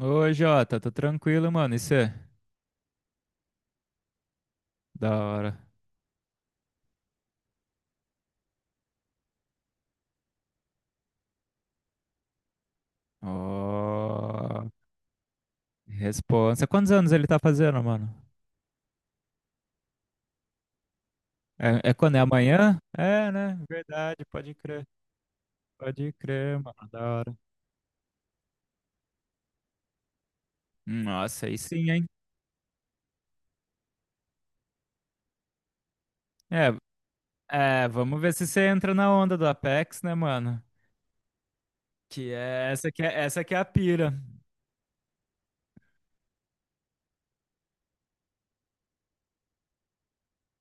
Oi, Jota, tô tranquilo, mano. Isso é da hora. Ó, responsa. Quantos anos ele tá fazendo, mano? É quando? É amanhã? É, né? Verdade, pode crer. Pode crer, mano. Da hora. Nossa, aí sim, hein? É, é, vamos ver se você entra na onda do Apex, né, mano? Que é essa que é a pira.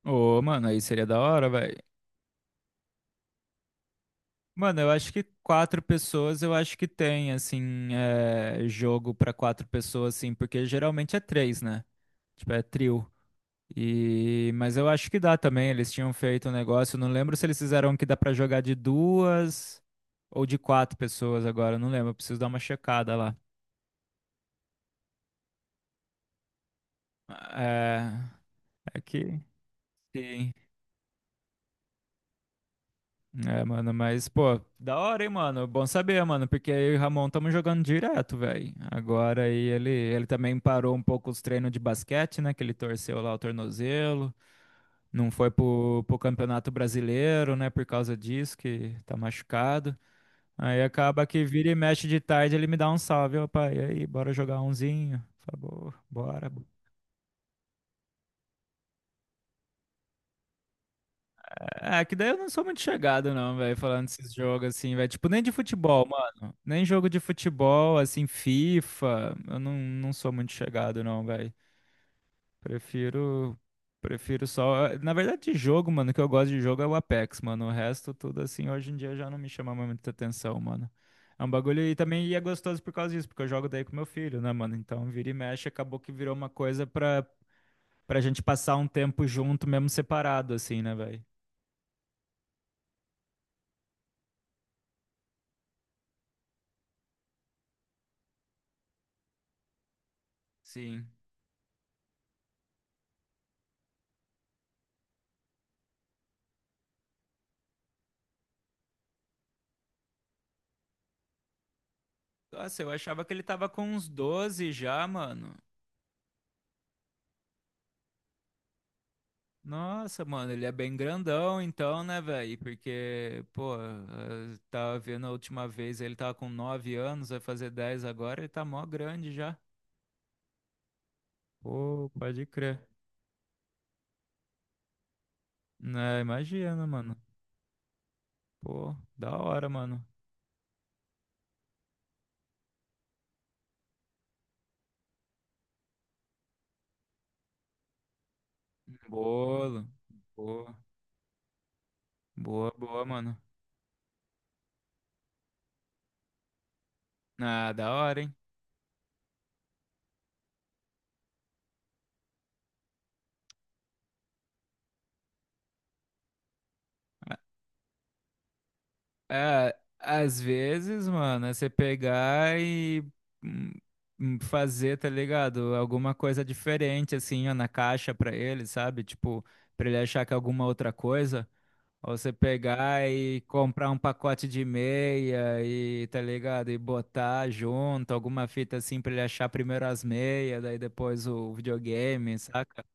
Ô, mano, aí seria da hora, velho. Mano, eu acho que quatro pessoas, eu acho que tem, assim, é, jogo pra quatro pessoas, assim, porque geralmente é três, né? Tipo, é trio. E... Mas eu acho que dá também, eles tinham feito um negócio, eu não lembro se eles fizeram que dá pra jogar de duas ou de quatro pessoas agora, eu não lembro, eu preciso dar uma checada lá. É, é que... Sim. É, mano, mas, pô, da hora, hein, mano? Bom saber, mano, porque eu e o Ramon estamos jogando direto, velho. Agora aí ele também parou um pouco os treinos de basquete, né? Que ele torceu lá o tornozelo. Não foi pro Campeonato Brasileiro, né? Por causa disso, que tá machucado. Aí acaba que vira e mexe de tarde, ele me dá um salve, ó, pai. E aí, bora jogar umzinho? Falei, Bora, bora." É, que daí eu não sou muito chegado, não, velho, falando desses jogos assim, velho. Tipo, nem de futebol, mano. Nem jogo de futebol, assim, FIFA. Eu não sou muito chegado, não, velho. Prefiro. Prefiro só. Na verdade, de jogo, mano, o que eu gosto de jogo é o Apex, mano. O resto, tudo assim, hoje em dia já não me chama mais muita atenção, mano. É um bagulho e também e é gostoso por causa disso, porque eu jogo daí com meu filho, né, mano? Então, vira e mexe, acabou que virou uma coisa pra gente passar um tempo junto, mesmo separado, assim, né, velho? Sim. Nossa, eu achava que ele tava com uns 12 já, mano. Nossa, mano, ele é bem grandão então, né, velho? Porque, pô, eu tava vendo a última vez, ele tava com 9 anos, vai fazer 10 agora, ele tá mó grande já. Pô, pode crer. Né, imagina, mano. Pô, da hora, mano. Bolo. Boa, boa, boa, mano. Ah, da hora, hein? É, às vezes, mano, é você pegar e hum, fazer, tá ligado? Alguma coisa diferente, assim, ó, na caixa pra ele, sabe? Tipo, pra ele achar que é alguma outra coisa. Ou você pegar e comprar um pacote de meia e, tá ligado? E botar junto, alguma fita assim pra ele achar primeiro as meias, daí depois o videogame, saca?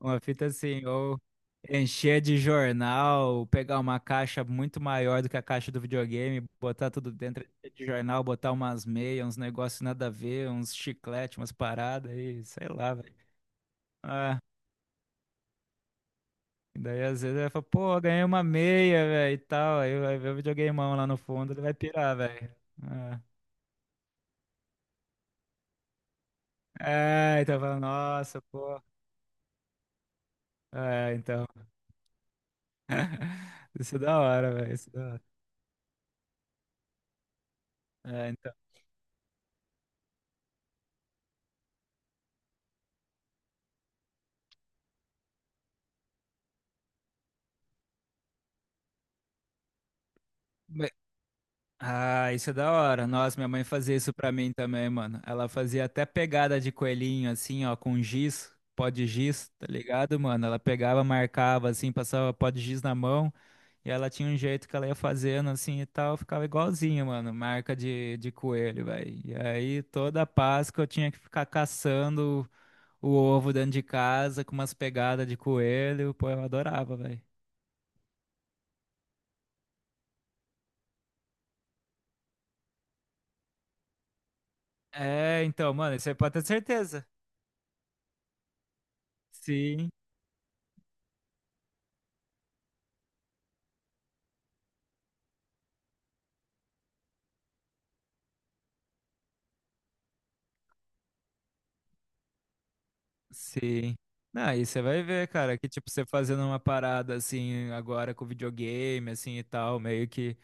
Uma fita assim, ou encher de jornal, pegar uma caixa muito maior do que a caixa do videogame, botar tudo dentro de jornal, botar umas meias, uns negócios nada a ver, uns chiclete, umas paradas e sei lá, velho. Ah, e daí às vezes ele fala, pô, ganhei uma meia, velho, e tal. Aí vai ver o videogameão lá no fundo, ele vai pirar, velho. Ah. É, então fala, nossa, pô. É, então, isso é da hora, velho, isso é da hora. É, então. Ah, isso é da hora. Nossa, minha mãe fazia isso pra mim também, mano. Ela fazia até pegada de coelhinho, assim, ó, com giz, pó de giz, tá ligado, mano? Ela pegava, marcava, assim, passava pó de giz na mão, e ela tinha um jeito que ela ia fazendo, assim, e tal, ficava igualzinho, mano, marca de coelho, velho. E aí, toda Páscoa eu tinha que ficar caçando o ovo dentro de casa com umas pegadas de coelho, pô, eu adorava, velho. É, então, mano, isso aí pode ter certeza. Sim. Sim. Não, e você vai ver, cara, que tipo, você fazendo uma parada assim, agora com videogame, assim e tal, meio que.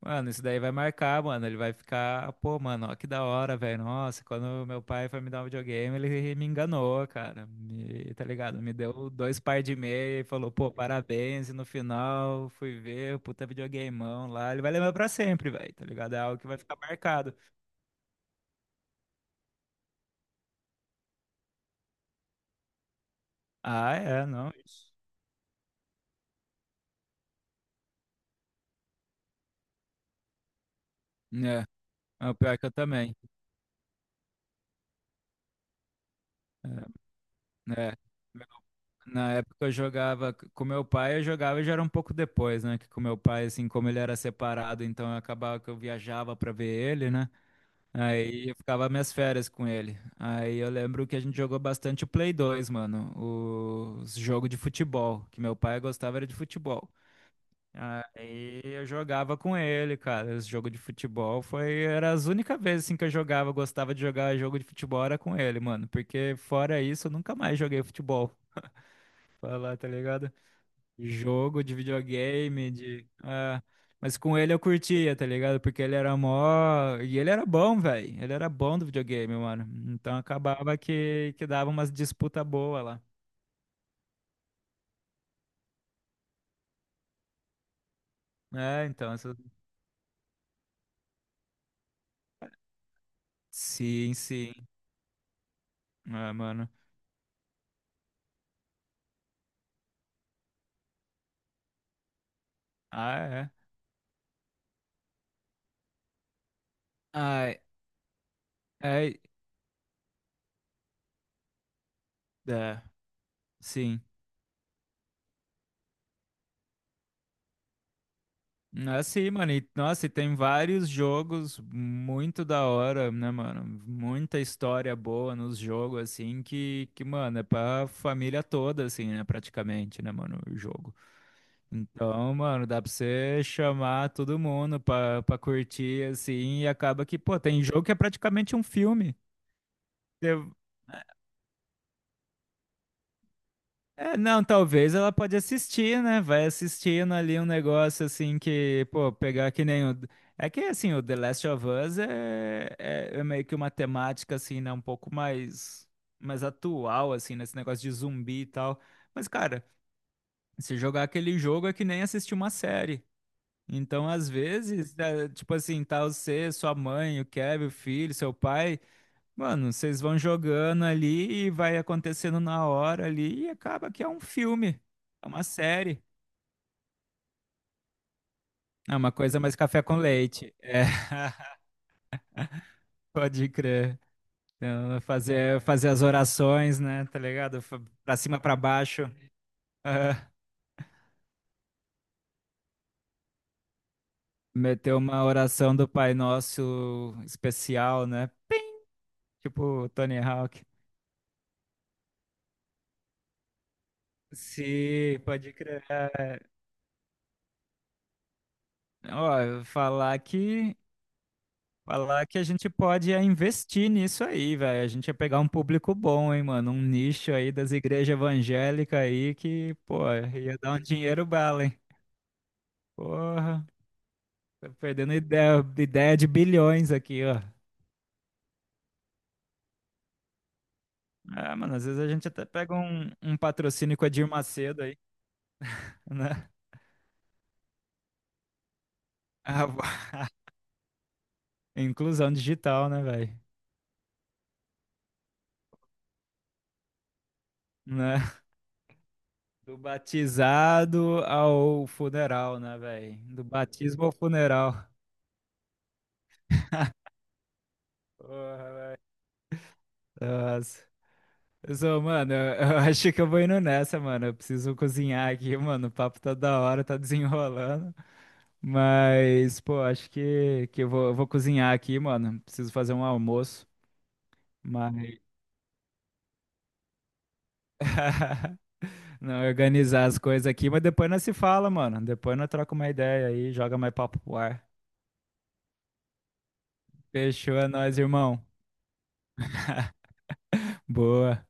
Mano, isso daí vai marcar, mano. Ele vai ficar, pô, mano, ó que da hora, velho. Nossa, quando meu pai foi me dar um videogame, ele me enganou, cara. Me, tá ligado? Me deu dois par de meia e falou, pô, parabéns. E no final, fui ver, puta videogameão lá. Ele vai lembrar pra sempre, velho, tá ligado? É algo que vai ficar marcado. Ah, é, não. Isso. É, é o pior que eu também. É. Na época eu jogava com meu pai, eu jogava já era um pouco depois, né? Que com meu pai, assim, como ele era separado, então eu acabava que eu viajava pra ver ele, né? Aí eu ficava minhas férias com ele. Aí eu lembro que a gente jogou bastante o Play 2, mano. O Os jogo de futebol, que meu pai gostava era de futebol. Aí eu jogava com ele, cara. Esse jogo de futebol foi era as únicas vezes assim que eu jogava, eu gostava de jogar jogo de futebol era com ele, mano, porque fora isso eu nunca mais joguei futebol. Falar, tá ligado? Jogo de videogame, de. Ah, mas com ele eu curtia, tá ligado? Porque ele era mó. E ele era bom, velho. Ele era bom do videogame, mano. Então acabava que dava umas disputa boa lá. É, então. Essa... Sim, sim. Ah, mano. Ah, é. Ah, é. É. É, sim. Ah, sim, mano. E, nossa, e tem vários jogos muito da hora, né, mano? Muita história boa nos jogos, assim, que, mano, é pra família toda, assim, né, praticamente, né, mano, o jogo. Então, mano, dá pra você chamar todo mundo pra curtir, assim, e acaba que, pô, tem jogo que é praticamente um filme. É, não, talvez ela pode assistir, né? Vai assistindo ali um negócio assim que, pô, pegar que nem o. É que assim, o The Last of Us é meio que uma temática assim, né? Um pouco mais atual, assim, nesse negócio de zumbi e tal. Mas, cara, se jogar aquele jogo é que nem assistir uma série. Então, às vezes, né, tipo assim, tá você, sua mãe, o Kevin, o filho, seu pai. Mano, vocês vão jogando ali e vai acontecendo na hora ali e acaba que é um filme, é uma série, é uma coisa mais café com leite. É, pode crer. Então, fazer as orações, né? Tá ligado? Pra cima, pra baixo. Ah, meter uma oração do Pai Nosso especial, né? Tipo o Tony Hawk. Sim, pode crer. Ó, eu falar que Falar que a gente pode é, investir nisso aí, velho. A gente ia pegar um público bom, hein, mano? Um nicho aí das igrejas evangélicas aí que, pô, ia dar um dinheiro bala, hein? Porra, tô perdendo ideia de bilhões aqui, ó. Ah, mano, às vezes a gente até pega um patrocínio com a Dirma Macedo aí, né? Ah, bo- inclusão digital, né, velho? Né? Do batizado ao funeral, né, velho? Do batismo ao funeral. Porra, velho. Nossa. Zô, mano, eu acho que eu vou indo nessa, mano. Eu preciso cozinhar aqui, mano. O papo tá da hora, tá desenrolando. Mas, pô, acho que eu vou cozinhar aqui, mano. Preciso fazer um almoço. Mas. Não, organizar as coisas aqui. Mas depois nós se fala, mano. Depois nós troca uma ideia aí, joga mais papo pro ar. Fechou, é nóis, irmão. Boa.